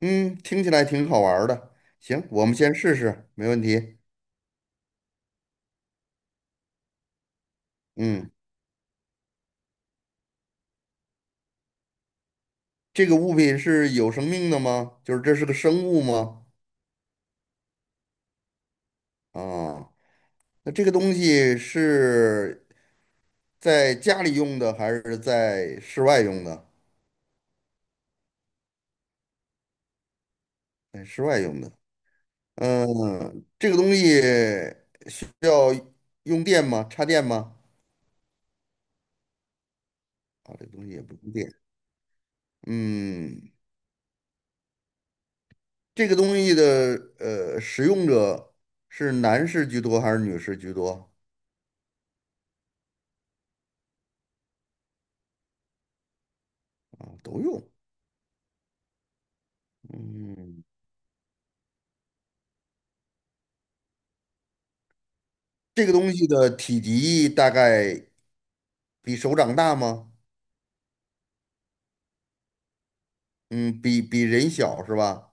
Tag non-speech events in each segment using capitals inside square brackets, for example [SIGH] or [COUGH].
嗯，听起来挺好玩儿的。行，我们先试试，没问题。嗯，这个物品是有生命的吗？就是这是个生物吗？啊，那这个东西是在家里用的还是在室外用的？在室外用的。嗯，这个东西要用电吗？插电吗？啊，这个东西也不用电。嗯，这个东西的使用者是男士居多还是女士居多？啊，都用。嗯，这个东西的体积大概比手掌大吗？嗯，比人小是吧？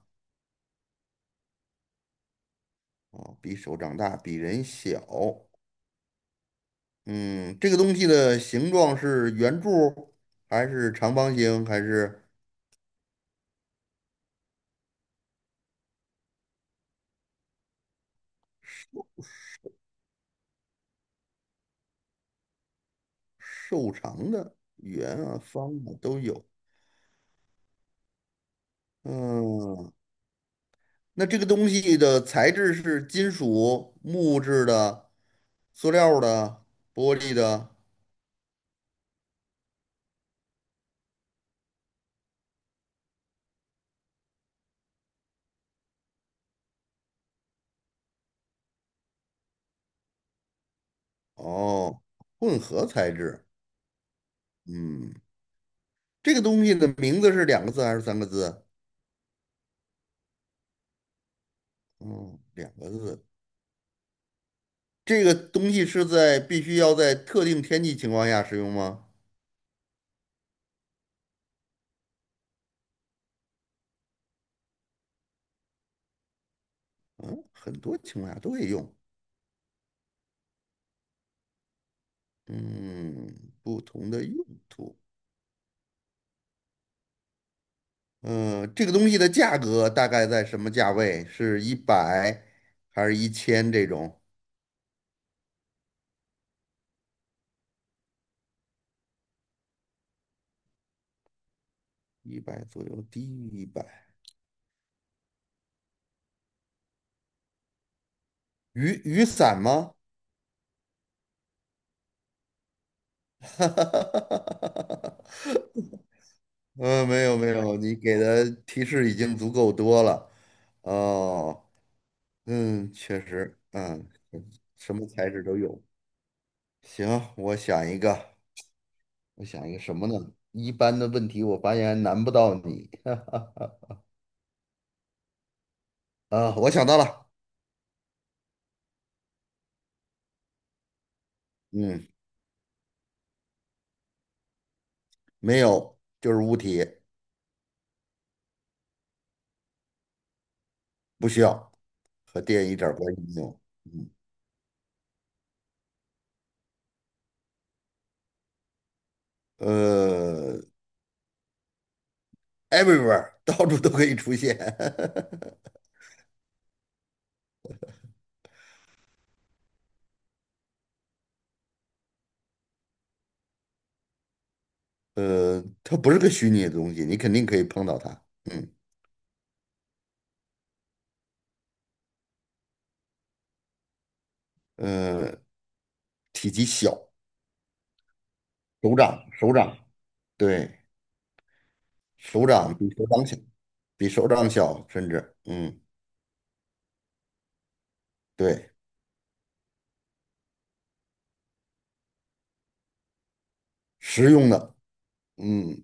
哦，比手掌大，比人小。嗯，这个东西的形状是圆柱还是长方形还是瘦长的？圆啊，方啊都有。嗯，那这个东西的材质是金属、木质的、塑料的、玻璃的，哦，混合材质。嗯。这个东西的名字是两个字还是三个字？嗯，两个字。这个东西是在必须要在特定天气情况下使用吗？嗯，很多情况下都会用。嗯，不同的用途。嗯，这个东西的价格大概在什么价位？是一百还是1000这种？一百左右，低于一百。雨伞吗？[LAUGHS] 嗯，没有没有，你给的提示已经足够多了。哦，嗯，确实，嗯，什么材质都有。行，我想一个，我想一个什么呢？一般的问题我发现难不到你。[LAUGHS] 啊，我想到了，嗯，没有，就是物体，不需要，和电一点儿关系没有。嗯，呃，everywhere,[LAUGHS] 到处都可以出现。[LAUGHS] 它不是个虚拟的东西，你肯定可以碰到它。嗯。呃体积小，手掌对，手掌比手掌小，比手掌小，甚至嗯，对，实用的，嗯，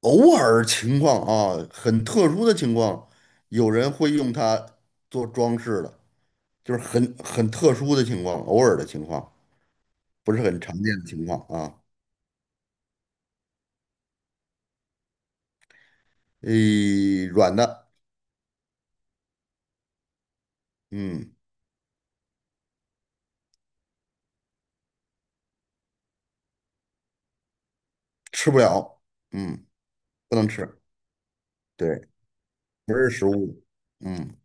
偶尔情况啊，很特殊的情况，有人会用它做装饰的，就是很特殊的情况，偶尔的情况，不是很常见的情况啊。诶，软的，嗯，吃不了，嗯，不能吃，对，不是食物，嗯，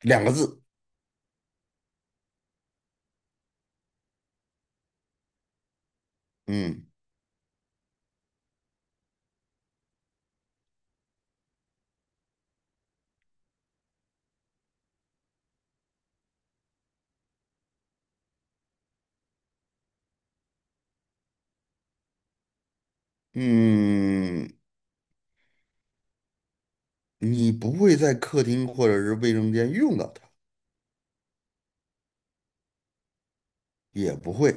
两个字。嗯嗯，你不会在客厅或者是卫生间用到它，也不会。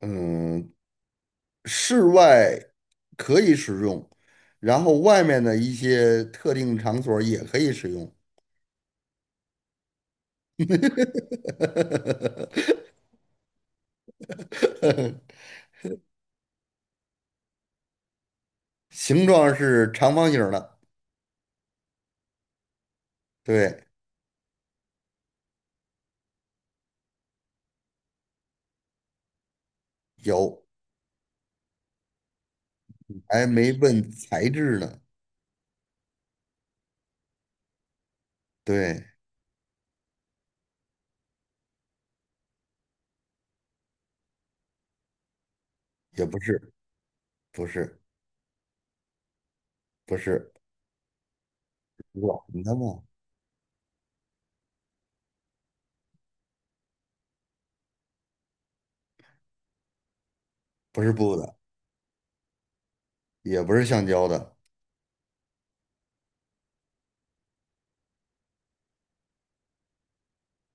嗯，室外可以使用，然后外面的一些特定场所也可以使用。[LAUGHS] 形状是长方形儿的，对，有，还没问材质呢，对，也不是，不是，不是软的嘛，不是布的，也不是橡胶的，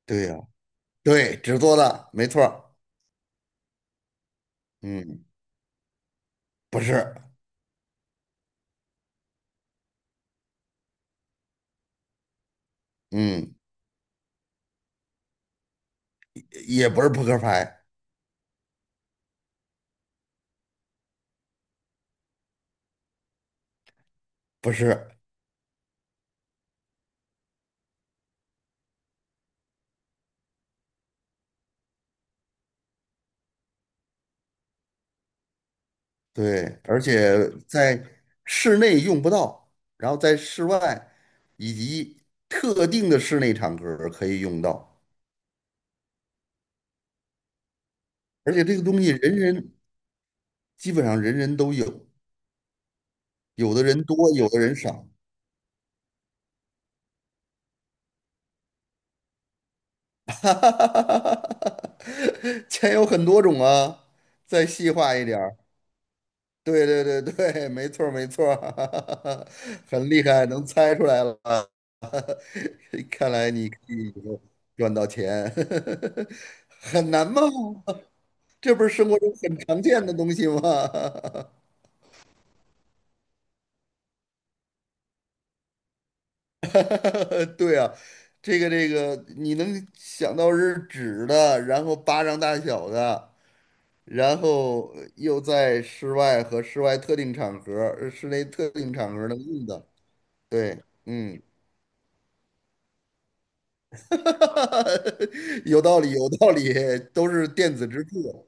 对呀、对，纸做的，没错儿嗯。不是，嗯，也不是扑克牌，不是，对，而且在室内用不到，然后在室外以及特定的室内场合可以用到，而且这个东西基本上人人都有，有的人多，有的人少，[LAUGHS] 哈哈哈哈哈 [LAUGHS] 钱有很多种啊，再细化一点儿。对对对对，没错儿没错儿，[LAUGHS] 很厉害，能猜出来了。[LAUGHS] 看来你可以赚到钱，[LAUGHS] 很难吗？[LAUGHS] 这不是生活中很常见的东西吗？[LAUGHS] 对啊，这个，你能想到是纸的，然后巴掌大小的，然后又在室外和室外特定场合、室内特定场合能用的，对，嗯，[LAUGHS] 有道理，有道理，都是电子支付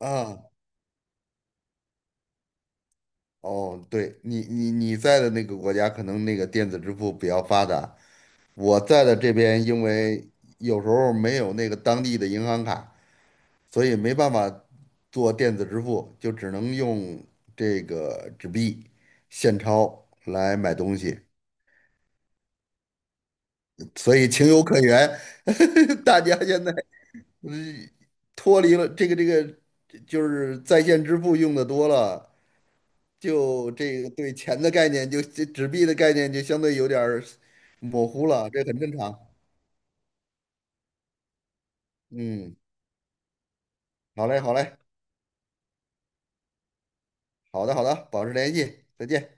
啊。哦，对你，你在的那个国家可能那个电子支付比较发达，我在的这边因为有时候没有那个当地的银行卡，所以没办法做电子支付，就只能用这个纸币现钞来买东西，所以情有可原。[LAUGHS] 大家现在嗯脱离了这个，就是在线支付用的多了，就这个对钱的概念就，这纸币的概念就相对有点儿模糊了，这很正常。嗯，好嘞，好嘞，好的，好的，保持联系，再见。